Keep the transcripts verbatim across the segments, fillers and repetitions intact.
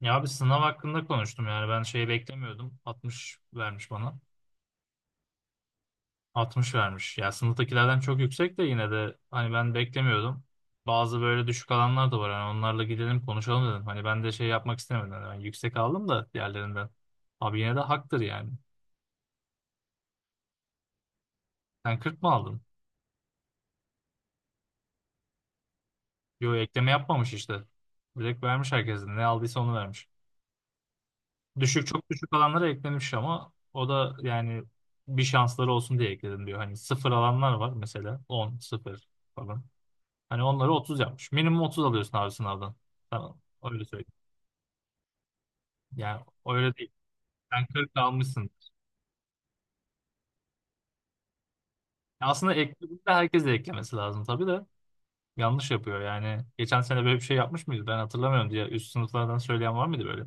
Ya abi sınav hakkında konuştum yani ben şey beklemiyordum. altmış vermiş bana. altmış vermiş. Ya sınıftakilerden çok yüksek de yine de hani ben beklemiyordum. Bazı böyle düşük alanlar da var. Hani onlarla gidelim konuşalım dedim. Hani ben de şey yapmak istemedim. Ben yüksek aldım da diğerlerinden. Abi yine de haktır yani. Sen kırk mı aldın? Yo ekleme yapmamış işte. Direkt vermiş herkesin. Ne aldıysa onu vermiş. Düşük çok düşük alanlara eklenmiş ama o da yani bir şansları olsun diye ekledim diyor. Hani sıfır alanlar var mesela on, sıfır falan. Hani onları otuz yapmış. Minimum otuz alıyorsun abi sınavdan. Tamam. Öyle söyleyeyim. Yani öyle değil. Sen kırk almışsın. Ya aslında eklediğinde herkes de eklemesi lazım tabii de. Yanlış yapıyor yani. Geçen sene böyle bir şey yapmış mıydı? Ben hatırlamıyorum diye üst sınıflardan söyleyen var mıydı böyle?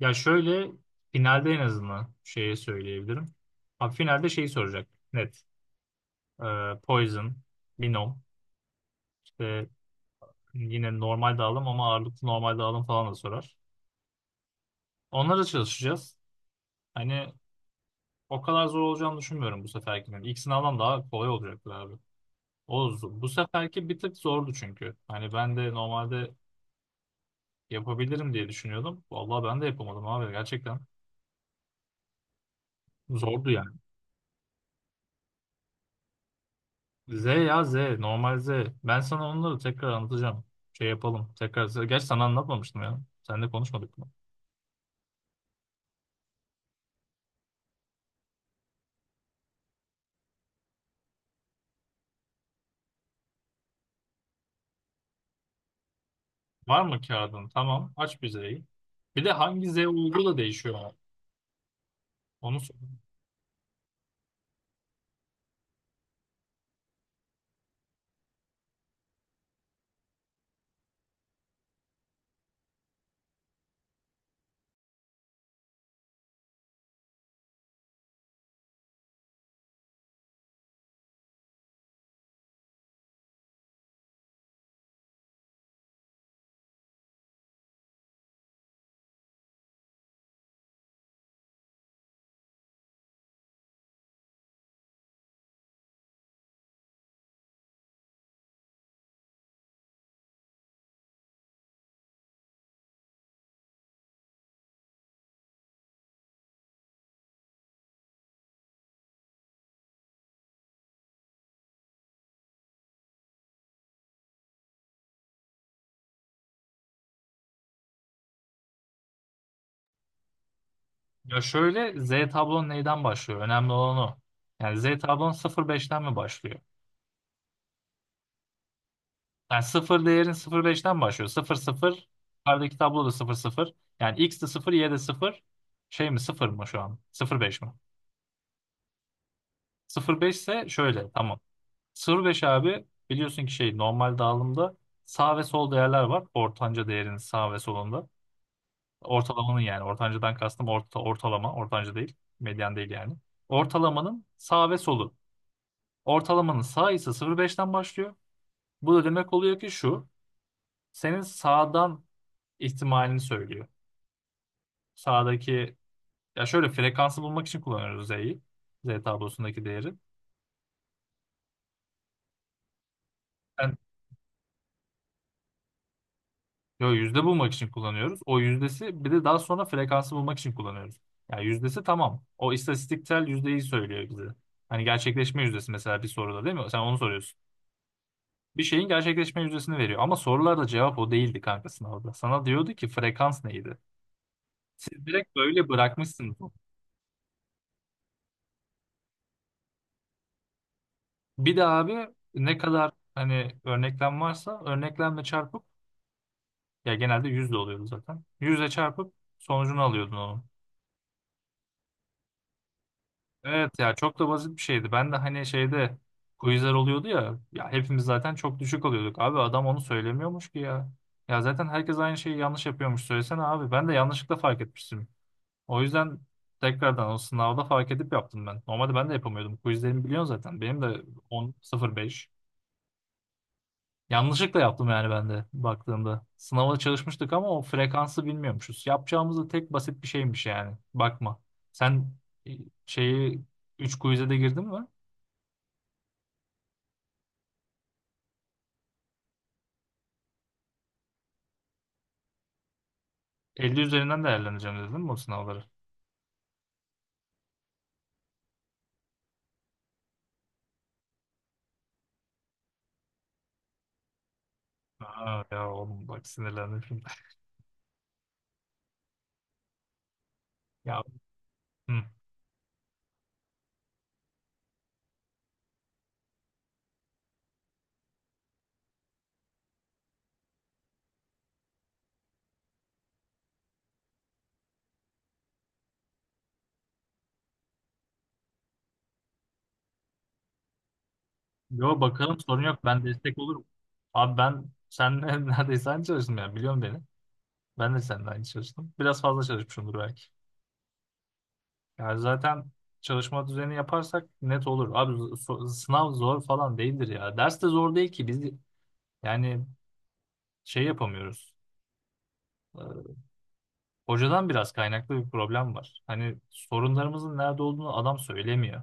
Ya şöyle, finalde en azından şeye söyleyebilirim. Abi finalde şeyi soracak. Net. e, Poison, Binom, işte yine normal dağılım ama ağırlıklı normal dağılım falan da sorar. Onlara çalışacağız. Hani o kadar zor olacağını düşünmüyorum bu seferkinin. İlk sınavdan daha kolay olacaktır abi. O, z- bu seferki bir tık zordu çünkü. Hani ben de normalde yapabilirim diye düşünüyordum. Vallahi ben de yapamadım abi gerçekten. Zordu yani. Z ya Z, normal Z. Ben sana onları tekrar anlatacağım. Şey yapalım. Tekrar. Gerçi sana anlatmamıştım ya. Seninle konuşmadık. Var mı kağıdın? Tamam. Aç bir Z'yi. Bir de hangi Z uygu da değişiyor ama. Onu sor. Ya şöyle, Z tablon neyden başlıyor? Önemli olan o. Yani Z tablon sıfır beşten mi başlıyor? Yani sıfır değerin sıfır beşten başlıyor. Sıfır sıfır. Yukarıdaki tablo da sıfır sıfır. Yani X de sıfır Y de sıfır. Şey mi sıfır mı şu an? Sıfır beş mi? Sıfır beş ise şöyle tamam. Sıfır beş abi biliyorsun ki şey normal dağılımda sağ ve sol değerler var. Ortanca değerinin sağ ve solunda. Ortalamanın, yani ortancadan kastım orta, ortalama, ortanca değil, medyan değil yani. Ortalamanın sağ ve solu. Ortalamanın sağ ise sıfır virgül beşten başlıyor. Bu da demek oluyor ki şu, senin sağdan ihtimalini söylüyor. Sağdaki, ya şöyle, frekansı bulmak için kullanıyoruz Z'yi. Z tablosundaki değeri. Yani, yo, yüzde bulmak için kullanıyoruz. O yüzdesi bir de daha sonra frekansı bulmak için kullanıyoruz. Yani yüzdesi tamam. O istatistiksel yüzdeyi söylüyor bize. Hani gerçekleşme yüzdesi mesela bir soruda değil mi? Sen onu soruyorsun. Bir şeyin gerçekleşme yüzdesini veriyor. Ama sorularda cevap o değildi kanka sınavda. Sana diyordu ki frekans neydi? Siz direkt böyle bırakmışsınız. Bir de abi ne kadar hani örneklem varsa örneklemle çarpıp, ya genelde yüzde oluyordu zaten. Yüzle çarpıp sonucunu alıyordun onun. Evet ya, çok da basit bir şeydi. Ben de hani şeyde quizler oluyordu ya, ya hepimiz zaten çok düşük alıyorduk. Abi adam onu söylemiyormuş ki ya. Ya zaten herkes aynı şeyi yanlış yapıyormuş söylesene abi. Ben de yanlışlıkla fark etmiştim. O yüzden tekrardan o sınavda fark edip yaptım ben. Normalde ben de yapamıyordum. Quizlerimi biliyorsun zaten. Benim de on sıfır beş. Yanlışlıkla yaptım yani ben de baktığımda. Sınava çalışmıştık ama o frekansı bilmiyormuşuz. Yapacağımız da tek basit bir şeymiş yani. Bakma. Sen e, şeyi üç quiz'e de girdin mi? elli üzerinden değerlendireceğim dedin mi o sınavları? Aa, ya oğlum bak sinirlendim şimdi. Ya, hı. Yo bakalım sorun yok. Ben destek olurum. Abi ben senle neredeyse aynı çalıştım ya. Biliyorum beni. Ben de seninle aynı çalıştım. Biraz fazla çalışmışımdır belki. Yani zaten çalışma düzeni yaparsak net olur. Abi so- sınav zor falan değildir ya. Ders de zor değil ki. Biz yani şey yapamıyoruz. Ee, Hocadan biraz kaynaklı bir problem var. Hani sorunlarımızın nerede olduğunu adam söylemiyor.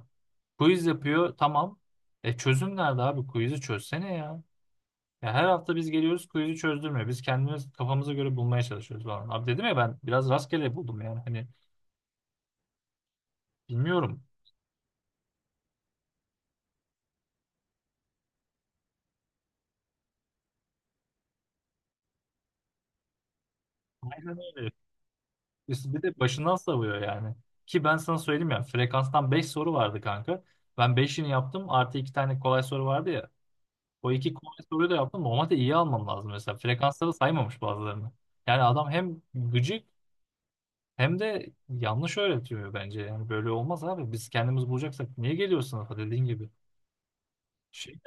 Quiz yapıyor tamam. E çözüm nerede abi? Quiz'i çözsene ya. Ya her hafta biz geliyoruz quiz'i çözdürmüyor. Biz kendimiz kafamıza göre bulmaya çalışıyoruz falan. Abi dedim ya ben biraz rastgele buldum yani. Hani bilmiyorum. Aynen öyle. Üst- Bir de başından savuyor yani. Ki ben sana söyleyeyim ya frekanstan beş soru vardı kanka. Ben beşini yaptım, artı iki tane kolay soru vardı ya. O iki kolay soruyu da yaptım. Normalde iyi almam lazım mesela. Frekansları saymamış bazılarını. Yani adam hem gıcık hem de yanlış öğretiyor bence. Yani böyle olmaz abi. Biz kendimiz bulacaksak niye geliyor sınıfa dediğin gibi. Şey de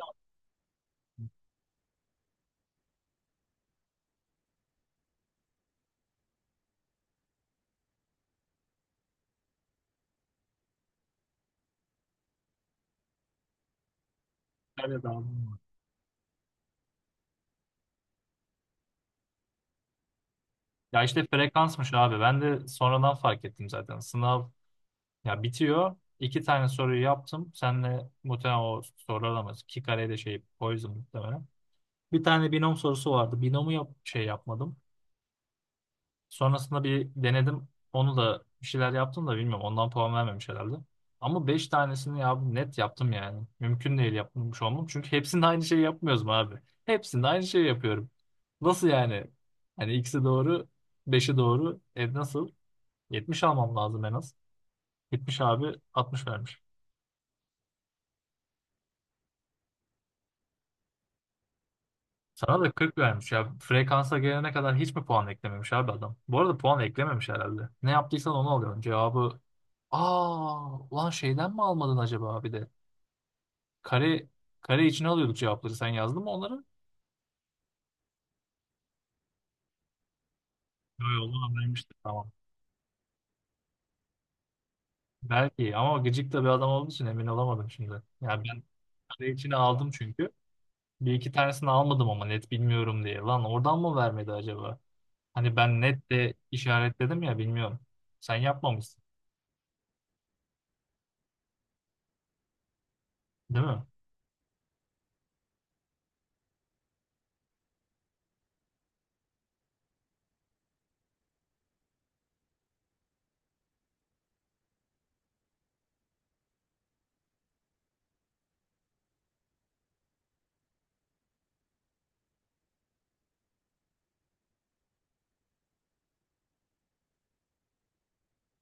Antalya'da aldım. Ya işte frekansmış abi. Ben de sonradan fark ettim zaten. Sınav ya bitiyor. İki tane soruyu yaptım. Senle muhtemelen o sorular alamaz. İki kare de şey o yüzden muhtemelen. Bir tane binom sorusu vardı. Binomu yap şey yapmadım. Sonrasında bir denedim. Onu da bir şeyler yaptım da bilmiyorum. Ondan puan vermemiş herhalde. Ama beş tanesini ya net yaptım yani. Mümkün değil yapmış olmam. Çünkü hepsinde aynı şeyi yapmıyoruz mu abi? Hepsinde aynı şeyi yapıyorum. Nasıl yani? Hani ikisi doğru, beşi doğru. E nasıl? Yetmiş almam lazım en az. Yetmiş abi, altmış vermiş. Sana da kırk vermiş ya. Frekansa gelene kadar hiç mi puan eklememiş abi adam? Bu arada puan eklememiş herhalde. Ne yaptıysan onu alıyorsun. Cevabı, aa ulan şeyden mi almadın acaba abi de? Kare, kare içine alıyorduk cevapları. Sen yazdın mı onları? Yok, onu anlamıştım tamam. Belki ama gıcık da bir adam olduğu için emin olamadım şimdi. Yani ben kare içine aldım çünkü. Bir iki tanesini almadım ama net bilmiyorum diye. Lan oradan mı vermedi acaba? Hani ben net de işaretledim ya bilmiyorum. Sen yapmamışsın değil mi?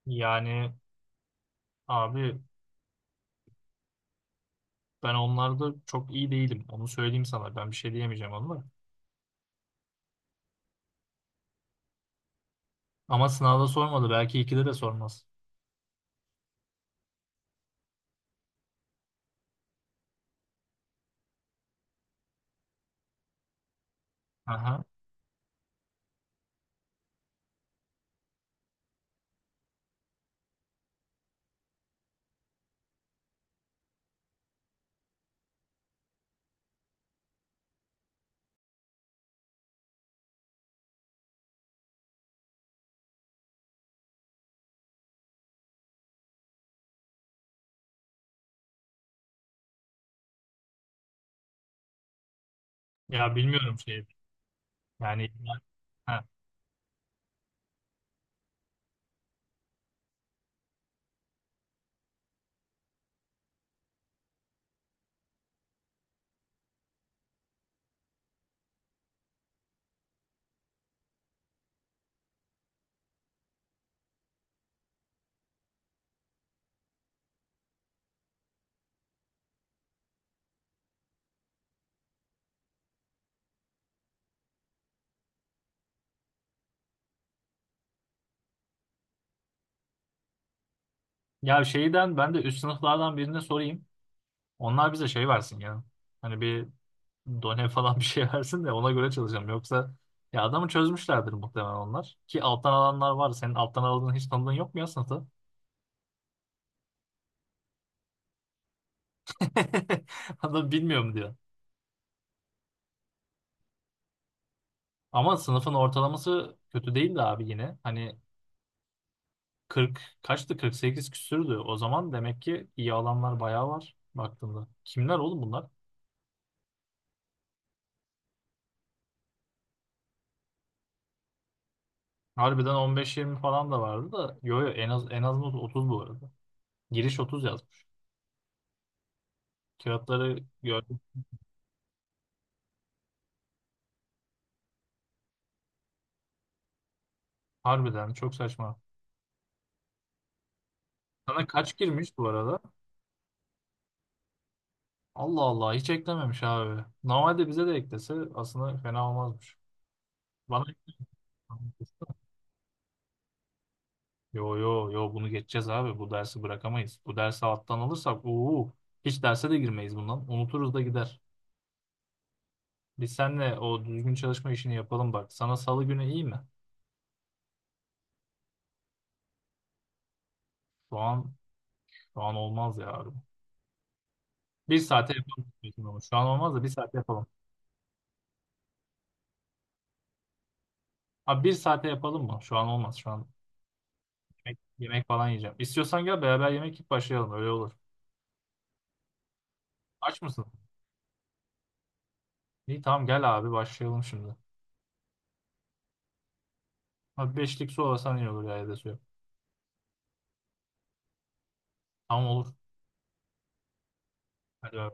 Yani abi ben onlarda çok iyi değilim. Onu söyleyeyim sana. Ben bir şey diyemeyeceğim onu da. Ama sınavda sormadı. Belki ikide de sormaz. Aha. Ya bilmiyorum şeyi. Yani ha. Ya şeyden, ben de üst sınıflardan birine sorayım. Onlar bize şey versin ya. Hani bir done falan bir şey versin de ona göre çalışalım. Yoksa ya adamı çözmüşlerdir muhtemelen onlar. Ki alttan alanlar var. Senin alttan aldığın hiç tanıdığın yok mu ya sınıfta? Adam bilmiyorum diyor. Ama sınıfın ortalaması kötü değil de abi yine. Hani kırk kaçtı? kırk sekiz küsürdü. O zaman demek ki iyi alanlar bayağı var baktığında. Kimler oğlum bunlar? Harbiden on beş yirmi falan da vardı da. Yo yo, en az en az otuz bu arada. Giriş otuz yazmış. Kağıtları gördüm. Harbiden çok saçma. Sana kaç girmiş bu arada? Allah Allah, hiç eklememiş abi. Normalde bize de eklese aslında fena olmazmış. Bana yo yo yo, bunu geçeceğiz abi. Bu dersi bırakamayız. Bu dersi alttan alırsak uuu hiç derse de girmeyiz bundan. Unuturuz da gider. Biz seninle o düzgün çalışma işini yapalım bak. Sana salı günü iyi mi? Şu an şu an olmaz ya abi. Bir saate yapalım. Diyorsun ama şu an olmaz da bir saate yapalım. Abi bir saate yapalım mı? Şu an olmaz. Şu an yemek, yemek falan yiyeceğim. İstiyorsan gel beraber yemek yiyip başlayalım. Öyle olur. Aç mısın? İyi tamam, gel abi başlayalım şimdi. Abi beşlik su alsan iyi olur ya, ya da su yok. Tamam olur. Hadi